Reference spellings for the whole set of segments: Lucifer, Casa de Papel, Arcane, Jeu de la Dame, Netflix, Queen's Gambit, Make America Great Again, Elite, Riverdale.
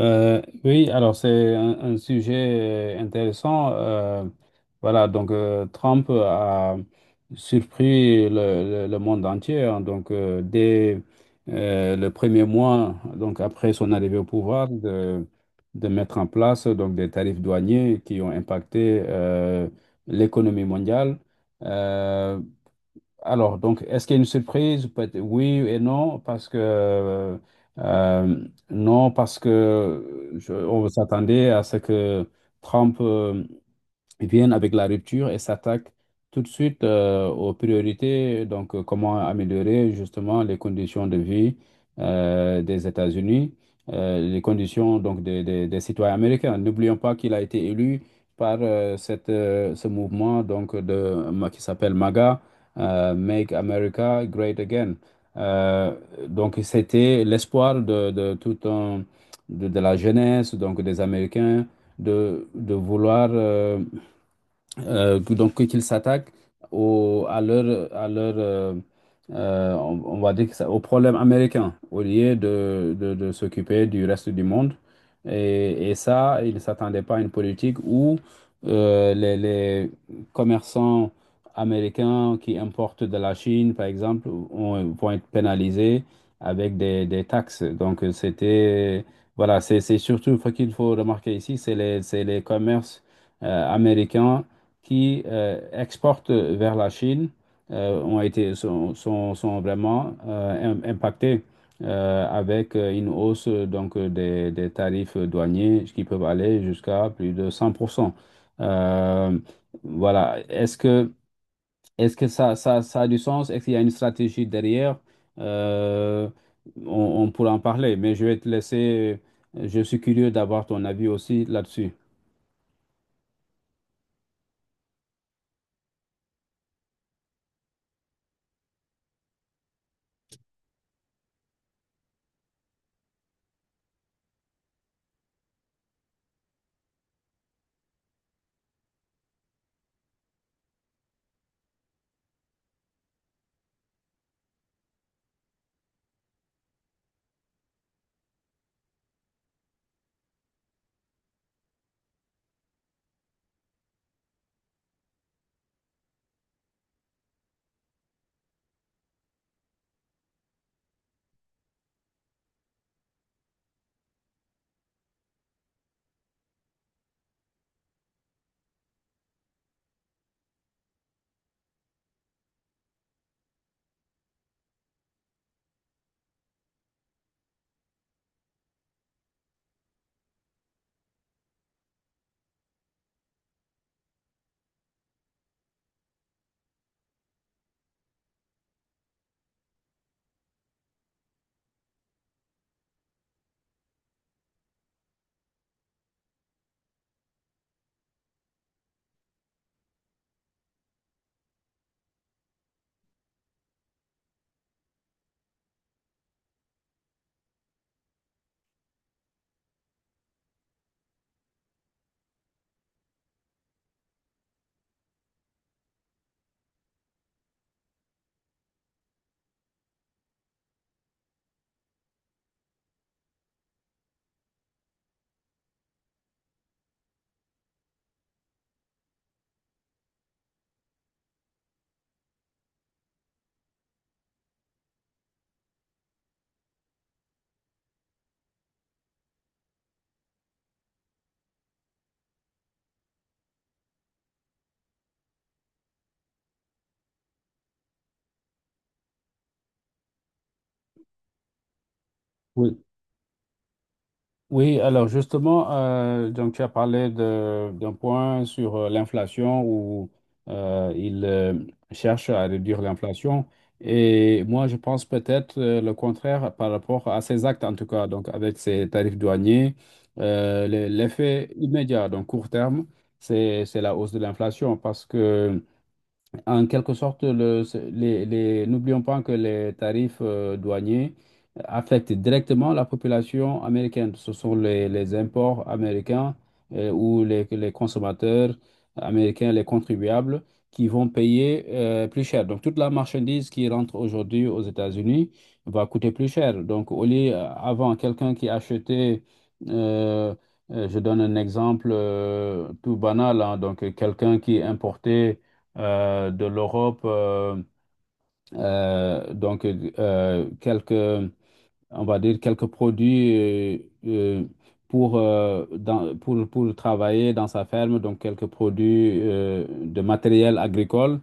Oui, alors c'est un sujet intéressant. Voilà, donc Trump a surpris le monde entier, hein. Donc dès le premier mois, donc après son arrivée au pouvoir, de mettre en place donc des tarifs douaniers qui ont impacté l'économie mondiale. Euh, alors, donc, est-ce qu'il y a une surprise? Peut- être oui et non, parce que euh, non, parce que on s'attendait à ce que Trump viennent avec la rupture et s'attaquent tout de suite aux priorités, donc comment améliorer justement les conditions de vie des États-Unis, les conditions donc des citoyens américains. N'oublions pas qu'il a été élu par ce mouvement donc de, qui s'appelle MAGA, Make America Great Again. Euh, donc c'était l'espoir de tout un, de la jeunesse, donc des Américains de vouloir donc qu'ils s'attaquent à leur on va dire que ça, au problème américain au lieu de s'occuper du reste du monde. Et ça, ils ne s'attendaient pas à une politique où les commerçants américains qui importent de la Chine, par exemple, vont être pénalisés avec des taxes. Donc c'était, voilà, c'est surtout ce qu'il faut remarquer ici, c'est c'est les commerces américains qui exportent vers la Chine ont été, sont, sont, sont vraiment impactés avec une hausse des tarifs douaniers qui peuvent aller jusqu'à plus de 100 %. Euh, voilà. Est-ce que ça a du sens? Est-ce qu'il y a une stratégie derrière? Euh, on, on pourra en parler, mais je vais te laisser. Je suis curieux d'avoir ton avis aussi là-dessus. Oui. Oui, alors justement, donc tu as parlé d'un point sur l'inflation où il cherche à réduire l'inflation. Et moi, je pense peut-être le contraire par rapport à ces actes, en tout cas, donc avec ces tarifs douaniers, l'effet immédiat, donc court terme, c'est la hausse de l'inflation, parce que en quelque sorte, n'oublions pas que les tarifs douaniers affectent directement la population américaine. Ce sont les imports américains ou les consommateurs américains, les contribuables, qui vont payer plus cher. Donc, toute la marchandise qui rentre aujourd'hui aux États-Unis va coûter plus cher. Donc, avant, quelqu'un qui achetait, euh, je donne un exemple tout banal, hein, donc quelqu'un qui importait de l'Europe, quelques, on va dire quelques produits euh, pour, travailler dans sa ferme, donc quelques produits de matériel agricole.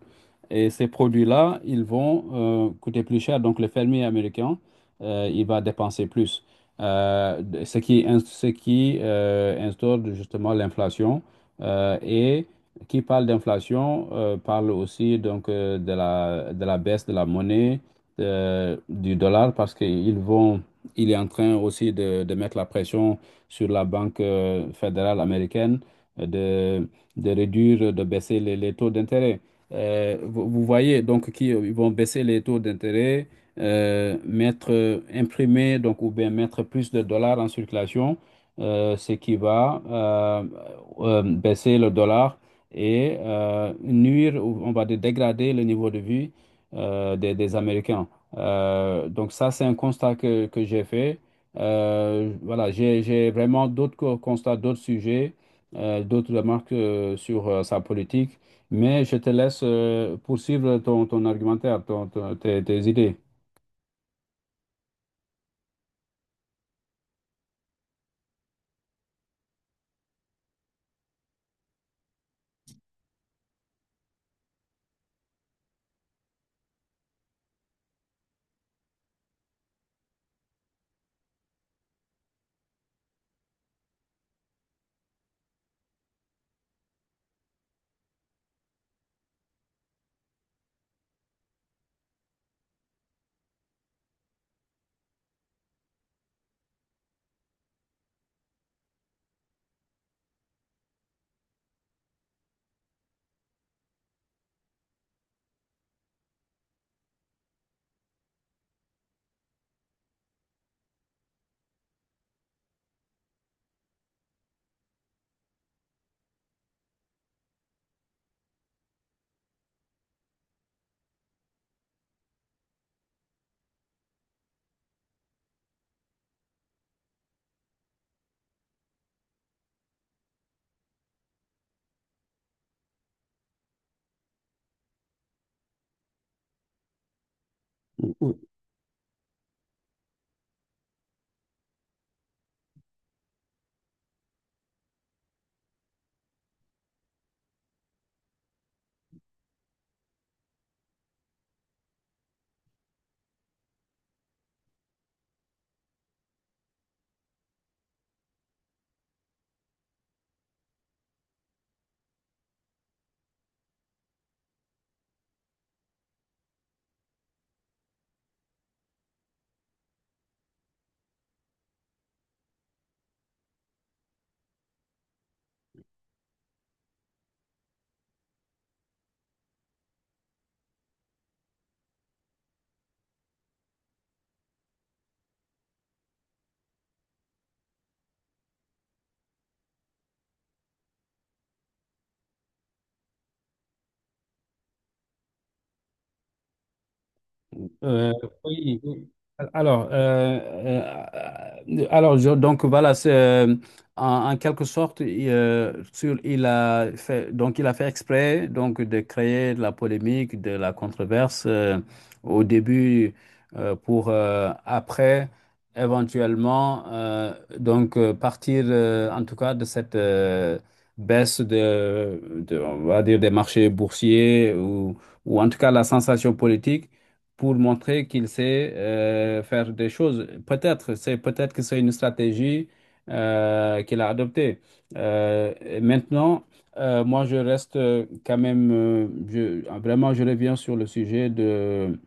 Et ces produits-là, ils vont coûter plus cher. Donc, le fermier américain, il va dépenser plus. Ce qui instaure justement l'inflation. Et qui parle d'inflation parle aussi, donc de la baisse de la monnaie, du dollar, parce qu'ils vont, il est en train aussi de mettre la pression sur la Banque fédérale américaine euh, de, de réduire, de baisser les taux d'intérêt. Vous voyez, donc, ils vont baisser les taux d'intérêt, imprimer, donc, ou bien mettre plus de dollars en circulation, ce qui va baisser le dollar et nuire, ou on va dire dégrader le niveau de vie des Américains. Donc, ça, c'est un constat que j'ai fait. Voilà, j'ai vraiment d'autres constats, d'autres sujets, d'autres remarques sur sa politique. Mais je te laisse poursuivre ton argumentaire, tes idées. Euh, oui, oui. Alors, donc voilà, c'est en quelque sorte, il a fait, donc il a fait exprès donc de créer de la polémique, de la controverse au début pour après éventuellement donc partir en tout cas de cette baisse on va dire des marchés boursiers ou en tout cas la sensation politique, pour montrer qu'il sait faire des choses. C'est peut-être que c'est une stratégie qu'il a adoptée. Et maintenant, moi, je reste quand même, vraiment, je reviens sur le sujet de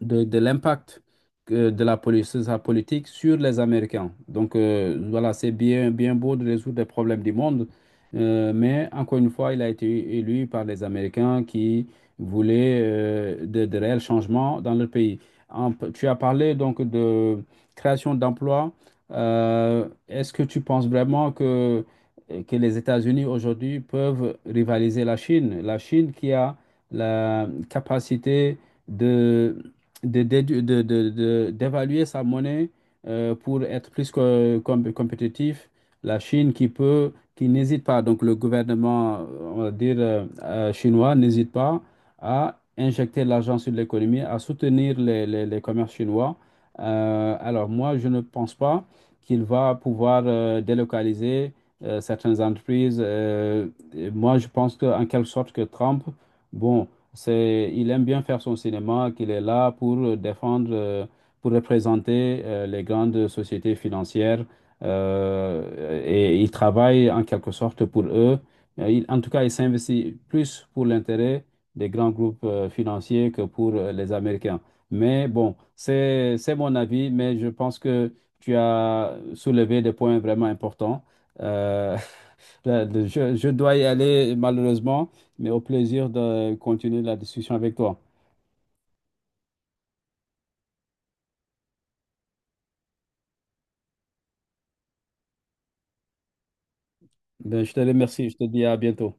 de, de l'impact de la politique, sa politique sur les Américains. Donc voilà, c'est bien, bien beau de résoudre les problèmes du monde, mais encore une fois, il a été élu par les Américains qui voulaient de réels changements dans leur pays. Tu as parlé donc de création d'emplois. Est-ce que tu penses vraiment que les États-Unis aujourd'hui peuvent rivaliser la Chine? La Chine qui a la capacité de de, d'édu- de- d'évaluer sa monnaie pour être plus que compétitif. La Chine qui peut, qui n'hésite pas, donc le gouvernement, on va dire, chinois, n'hésite pas à injecter l'argent sur l'économie, à soutenir les commerces chinois. Alors moi, je ne pense pas qu'il va pouvoir délocaliser certaines entreprises. Et moi, je pense que en quelque sorte que Trump, bon, il aime bien faire son cinéma, qu'il est là pour pour représenter les grandes sociétés financières, et il travaille en quelque sorte pour eux. En tout cas, il s'investit plus pour l'intérêt des grands groupes financiers que pour les Américains. Mais bon, c'est mon avis, mais je pense que tu as soulevé des points vraiment importants. Euh, je dois y aller malheureusement, mais au plaisir de continuer la discussion avec toi. Ben, je te remercie, je te dis à bientôt.